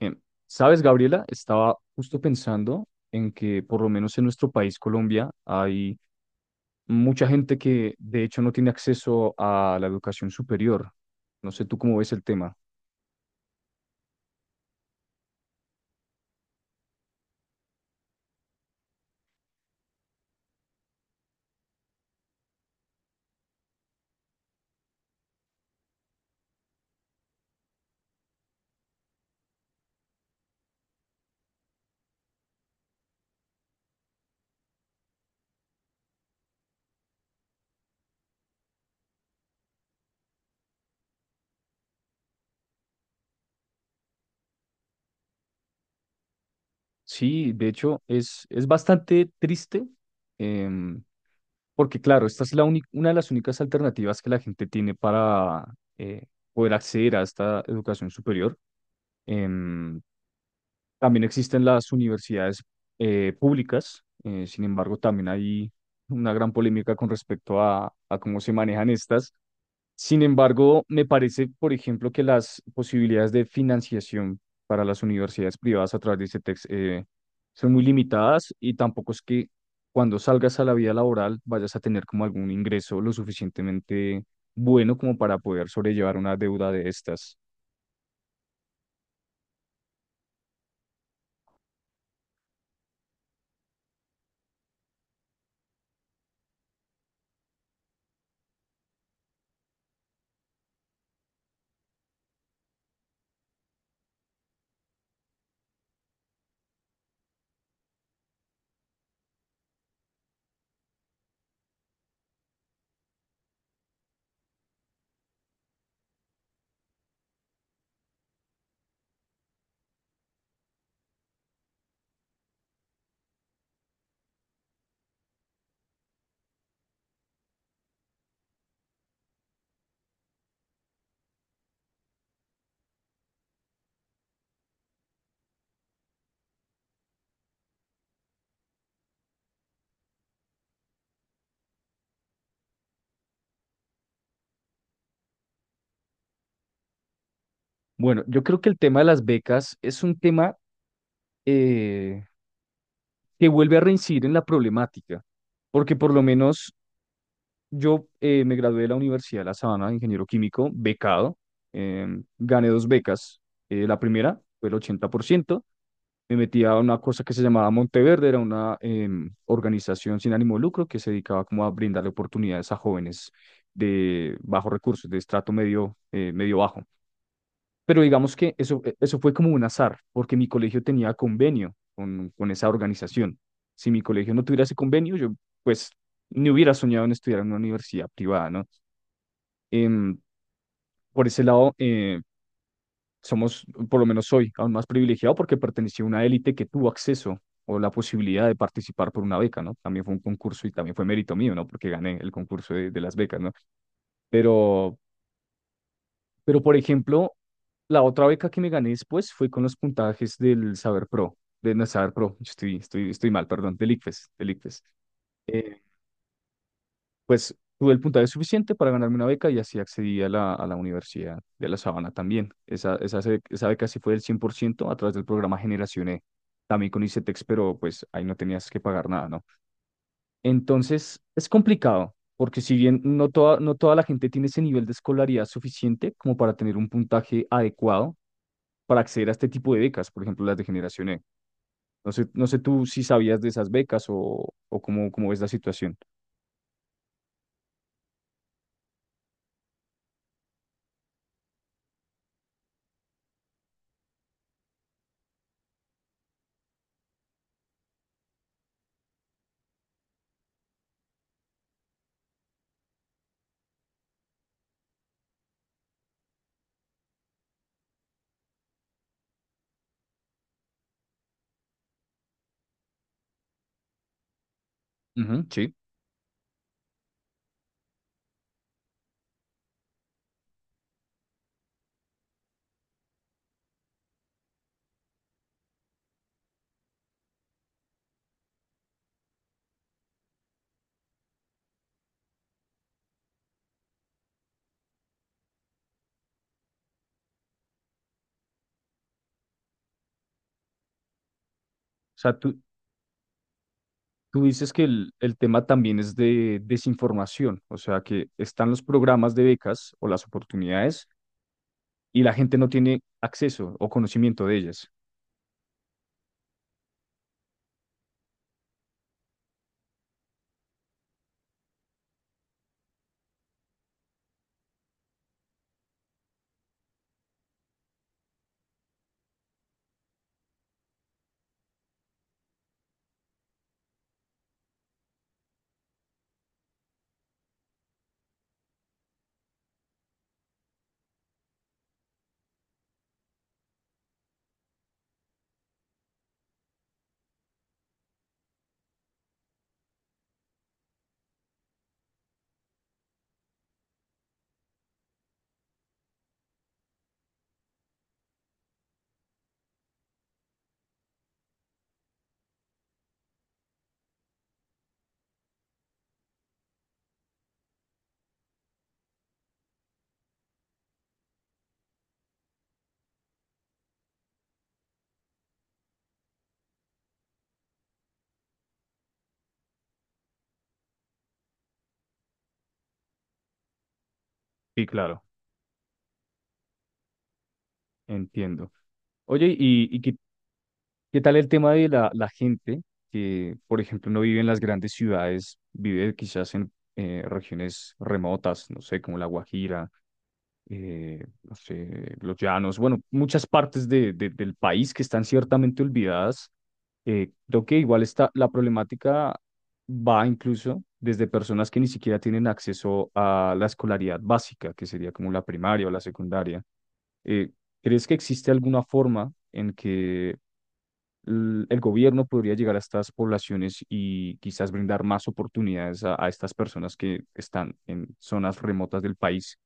Em, ¿Sabes, Gabriela? Estaba justo pensando en que por lo menos en nuestro país, Colombia, hay mucha gente que de hecho no tiene acceso a la educación superior. No sé tú cómo ves el tema. Sí, de hecho es bastante triste em, porque claro, esta es una de las únicas alternativas que la gente tiene para eh, poder acceder a esta educación superior. Em, También existen las universidades públicas, sin embargo, también hay una gran polémica con respecto a cómo se manejan estas. Sin embargo, me parece, por ejemplo, que las posibilidades de financiación para las universidades privadas a través de CETEX son muy limitadas y tampoco es que cuando salgas a la vida laboral vayas a tener como algún ingreso lo suficientemente bueno como para poder sobrellevar una deuda de estas. Bueno, yo creo que el tema de las becas es un tema... eh, que vuelve a reincidir en la problemática, porque por lo menos yo me gradué de la Universidad de La Sabana de ingeniero químico, becado, eh, gané dos becas, la primera fue el 80%. Me metí a una cosa que se llamaba Monteverde, era una organización sin ánimo de lucro que se dedicaba como a brindarle oportunidades a jóvenes de bajos recursos, de estrato medio, medio bajo. Pero digamos que eso, eso fue como un azar, porque mi colegio tenía convenio con esa organización. Si mi colegio no tuviera ese convenio, yo pues ni hubiera soñado en estudiar en una universidad privada, ¿no? Em, por ese lado, somos, por lo menos soy, aún más privilegiado porque pertenecí a una élite que tuvo acceso o la posibilidad de participar por una beca, ¿no? También fue un concurso y también fue mérito mío, ¿no? Porque gané el concurso de las becas, ¿no? Pero, Pero, por ejemplo, la otra beca que me gané después fue con los puntajes del Saber Pro, de no, Saber Pro, yo estoy mal, perdón, del ICFES. Eh, pues tuve el puntaje suficiente para ganarme una beca y así accedí a a la Universidad de La Sabana también. Esa beca sí fue del 100% a través del programa Generación E, también con ICETEX, pero pues ahí no tenías que pagar nada, ¿no? Entonces, es complicado. Porque si bien no toda la gente tiene ese nivel de escolaridad suficiente como para tener un puntaje adecuado para acceder a este tipo de becas, por ejemplo, las de Generación E. No sé tú si sabías de esas becas o cómo, cómo ves la situación. Ujú, sí. O sea, tú dices que el tema también es de desinformación, o sea, que están los programas de becas o las oportunidades y la gente no tiene acceso o conocimiento de ellas. Sí, claro, entiendo. Oye, ¿Qué tal el tema de la gente que, por ejemplo, no vive en las grandes ciudades, vive quizás en regiones remotas, no sé, como La Guajira, no sé, Los Llanos, bueno, muchas partes del país que están ciertamente olvidadas? Creo que igual está, la problemática va incluso desde personas que ni siquiera tienen acceso a la escolaridad básica, que sería como la primaria o la secundaria. Eh, ¿Crees que existe alguna forma en que el gobierno podría llegar a estas poblaciones y quizás brindar más oportunidades a estas personas que están en zonas remotas del país?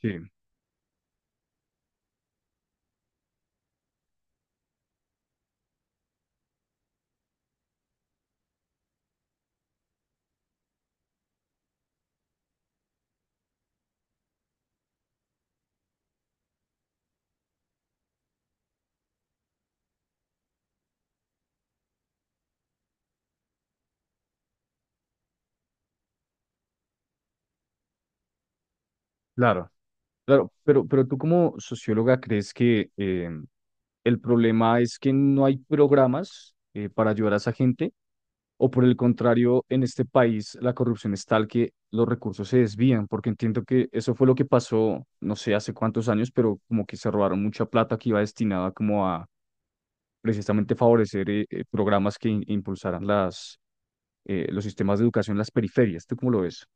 Sí, claro. Claro, pero tú como socióloga crees que el problema es que no hay programas para ayudar a esa gente, o por el contrario, en este país la corrupción es tal que los recursos se desvían, porque entiendo que eso fue lo que pasó, no sé hace cuántos años, pero como que se robaron mucha plata que iba destinada como a precisamente favorecer programas que impulsaran los sistemas de educación en las periferias. ¿Tú cómo lo ves?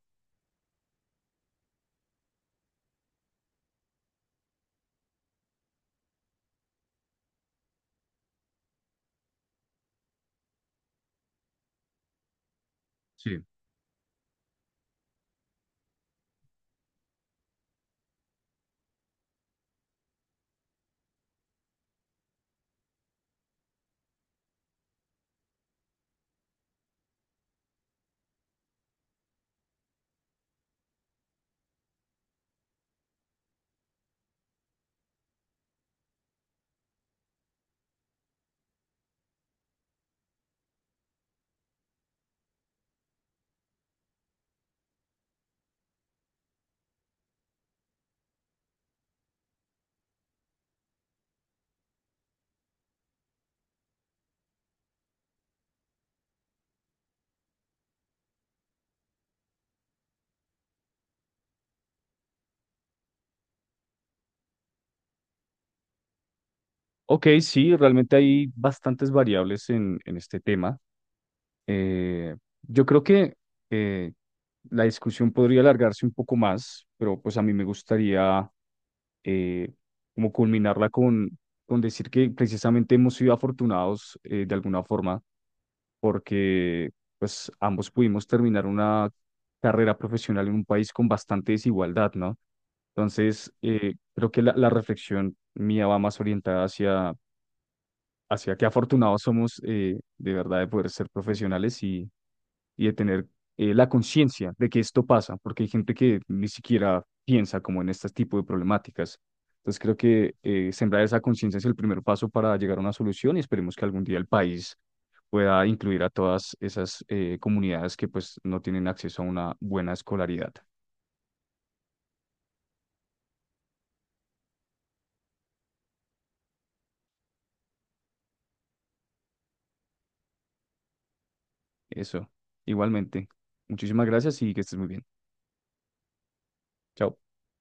Sí. Ok, sí, realmente hay bastantes variables en este tema. Eh, yo creo que eh, la discusión podría alargarse un poco más, pero pues a mí me gustaría eh, como culminarla con decir que precisamente hemos sido afortunados de alguna forma porque pues ambos pudimos terminar una carrera profesional en un país con bastante desigualdad, ¿no? Entonces, creo que la reflexión mía va más orientada hacia qué afortunados somos de verdad, de poder ser profesionales y de tener la conciencia de que esto pasa, porque hay gente que ni siquiera piensa como en este tipo de problemáticas. Entonces creo que sembrar esa conciencia es el primer paso para llegar a una solución y esperemos que algún día el país pueda incluir a todas esas comunidades que pues no tienen acceso a una buena escolaridad. Eso, igualmente. Muchísimas gracias y que estés muy bien. Chao.